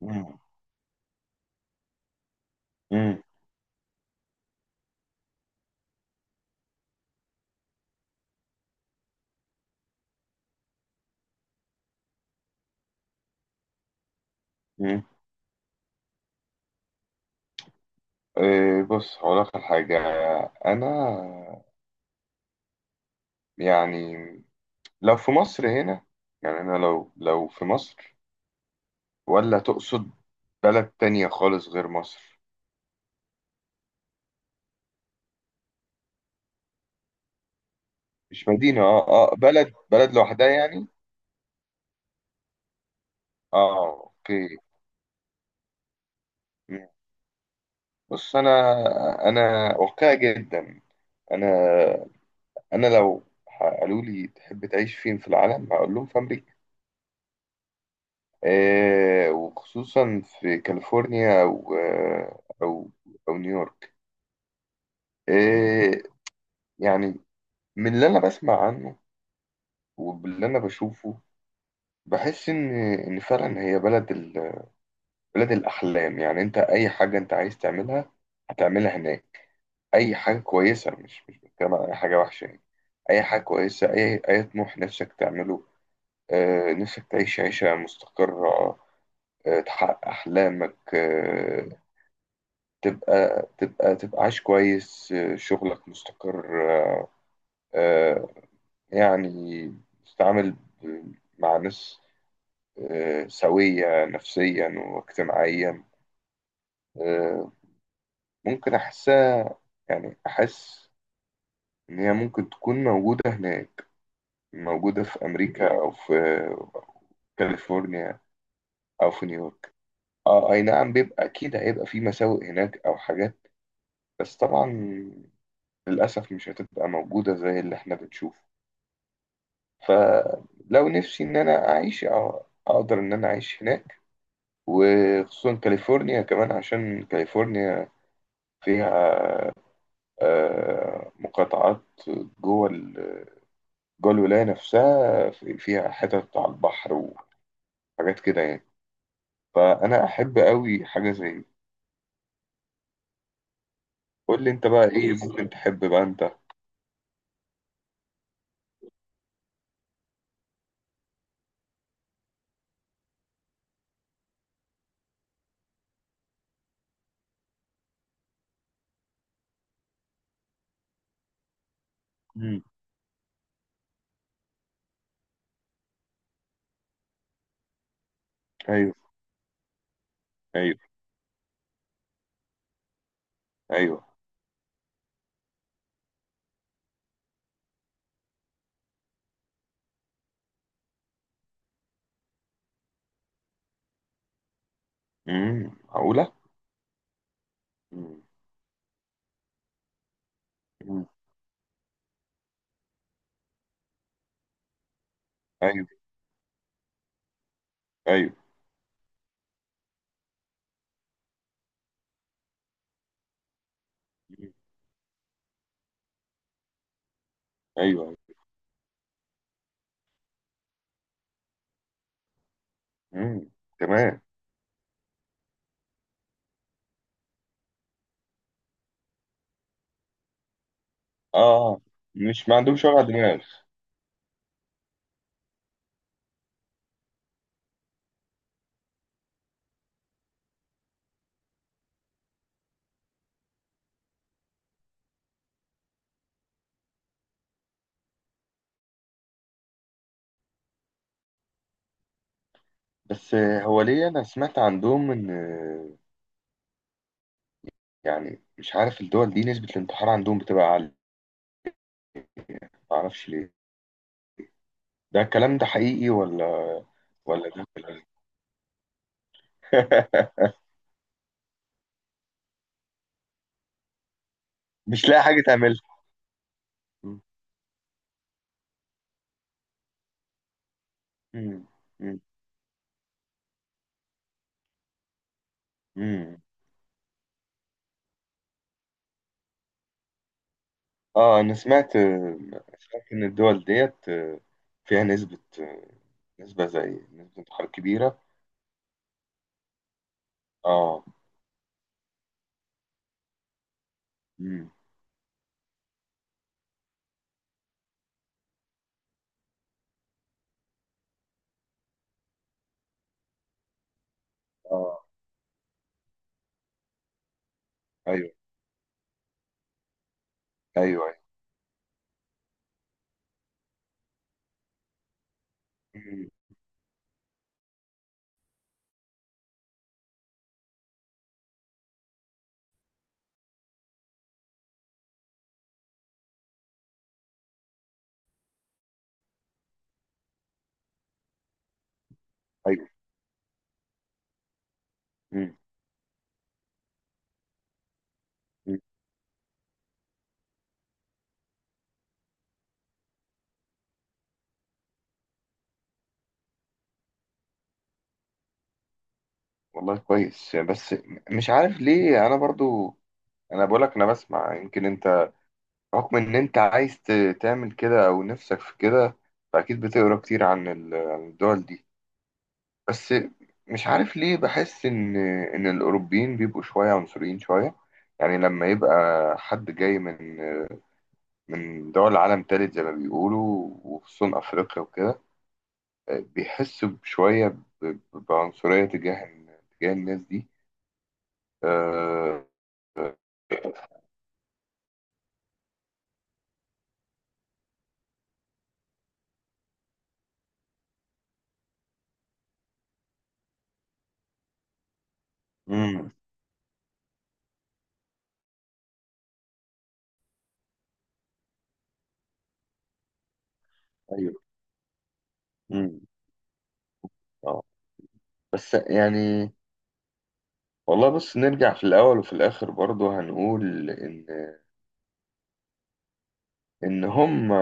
مم. مم. مم. إيه، بص هقول لك على حاجة. أنا يعني لو في مصر هنا، يعني أنا لو في مصر، ولا تقصد بلد تانية خالص غير مصر؟ مش مدينة، بلد بلد لوحدها يعني. اه، اوكي. مم. بص، أنا واقعي جدا. أنا أنا لو قالوا لي تحب تعيش فين في العالم، هقول لهم في أمريكا. وخصوصا في كاليفورنيا، أو نيويورك. آه، يعني من اللي أنا بسمع عنه وباللي أنا بشوفه، بحس إن فعلا هي بلد الأحلام. يعني أنت أي حاجة أنت عايز تعملها هتعملها هناك. أي حاجة كويسة، مش بتكلم عن أي حاجة وحشة يعني. أي حاجة كويسة، أي طموح نفسك تعمله، نفسك تعيش عيشة مستقرة، تحقق أحلامك، تبقى عايش كويس، آه، شغلك مستقر، آه، يعني تتعامل ب- مع ناس، سوية نفسيا واجتماعيا. آه، ممكن أحسها. يعني أحس إن هي ممكن تكون موجودة هناك، موجودة في أمريكا، أو في كاليفورنيا، أو في نيويورك. اه، اي نعم، بيبقى اكيد هيبقى في مساوئ هناك او حاجات، بس طبعا للاسف مش هتبقى موجوده زي اللي احنا بنشوفه. فلو نفسي ان انا اعيش أ- اقدر ان انا اعيش هناك، وخصوصا كاليفورنيا كمان، عشان كاليفورنيا فيها مقاطعات جوه ال- جوه الولاية نفسها، فيها حتت على البحر وحاجات كده يعني. فانا احب قوي حاجة زي دي. قول لي انت بقى، ايه ممكن تحب بقى انت؟ مم. ايوه. ايوه. ايوه. امم، معقولة. مم. مم. ايوه، ايوه. مم. ايوه، أيوه. مم. تمام. اه، مش ما عندهمش وجع دماغ. بس هو ليه، انا سمعت عندهم ان، يعني مش عارف الدول دي نسبة الانتحار عندهم بتبقى عالية. ما اعرفش ليه. ده الكلام ده حقيقي ولا ده كلام؟ مش لاقي حاجة تعملها. م- م- م- م. اه، انا سمعت ان الدول ديت فيها نسبة، نسبة زي نسبة انتحار كبيرة. اه. م. اه. ايوه، ايوه، ايوه. م. ايوه. م. والله كويس، بس مش عارف ليه انا برضو. انا بقولك انا بسمع. يمكن انت رغم ان انت عايز ت- تعمل كده او نفسك في كده، فاكيد بتقرا كتير عن عن الدول دي. بس مش عارف ليه، بحس ان الاوروبيين بيبقوا شويه عنصريين شويه. يعني لما يبقى حد جاي من دول عالم تالت زي ما بيقولوا، وخصوصا افريقيا وكده، بيحسوا بعنصريه تجاه الناس دي. أه. ايوه. امم. اه. بس يعني، والله بص، نرجع في الاول وفي الاخر برضه هنقول ان هم،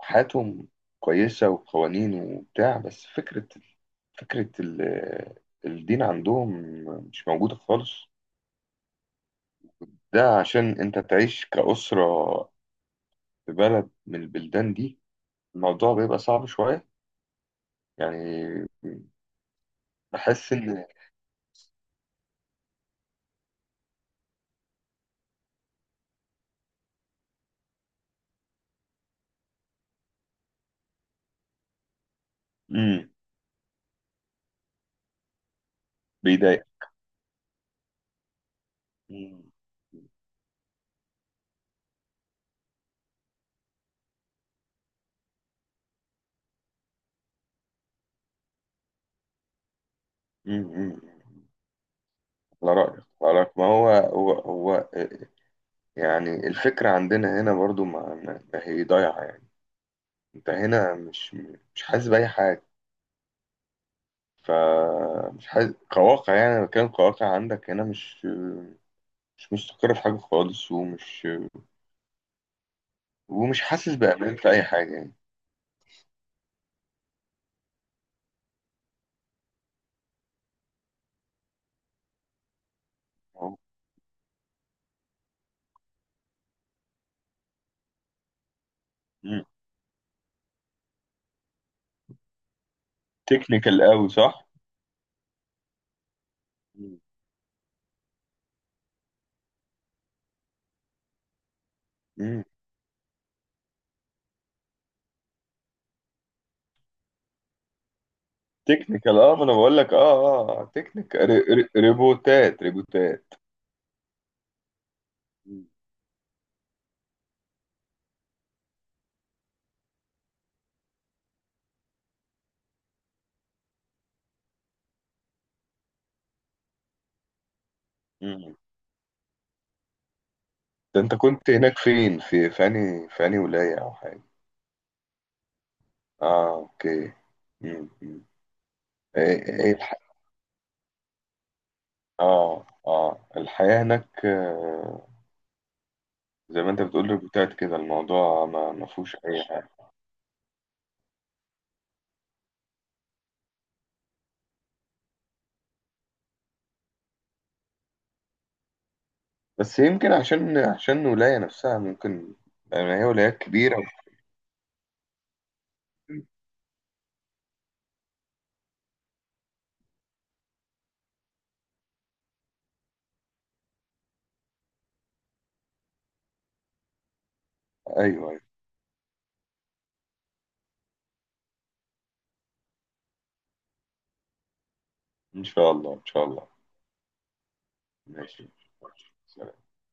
حياتهم كويسه وقوانين وبتاع، بس فكره، فكره ال- الدين عندهم مش موجوده خالص. ده عشان انت تعيش كأسره في بلد من البلدان دي، الموضوع بيبقى صعب شويه يعني. بحس ان. امم. بيضايق. امم. امم. على رأيك، على رأيك، ما هو هو هو. يعني الفكرة عندنا هنا برضو ما هي ضايعة يعني. انت هنا مش حاسس بأي حاجة، فمش حاسس كواقع يعني. أنا بتكلم كواقع، عندك هنا مش مستقر في حاجة خالص، ومش حاسس بأمان في أي حاجة يعني. تكنيكال قوي، صح؟ مم. تكنيكال، ما انا بقول لك، اه تكنيكال. ريبوتات، ريبوتات. مم. ده انت كنت هناك فين، في انهي ولاية او حاجة؟ اه، اوكي. مم، مم. ايه، الحياة هناك، زي ما انت بتقول ريبوتات كده، الموضوع ما فيهوش اي حاجة. بس يمكن عشان الولاية نفسها ممكن، لان هي ولايات كبيرة. ايوه، ايوه. ان شاء الله، ان شاء الله. ماشي. سلام.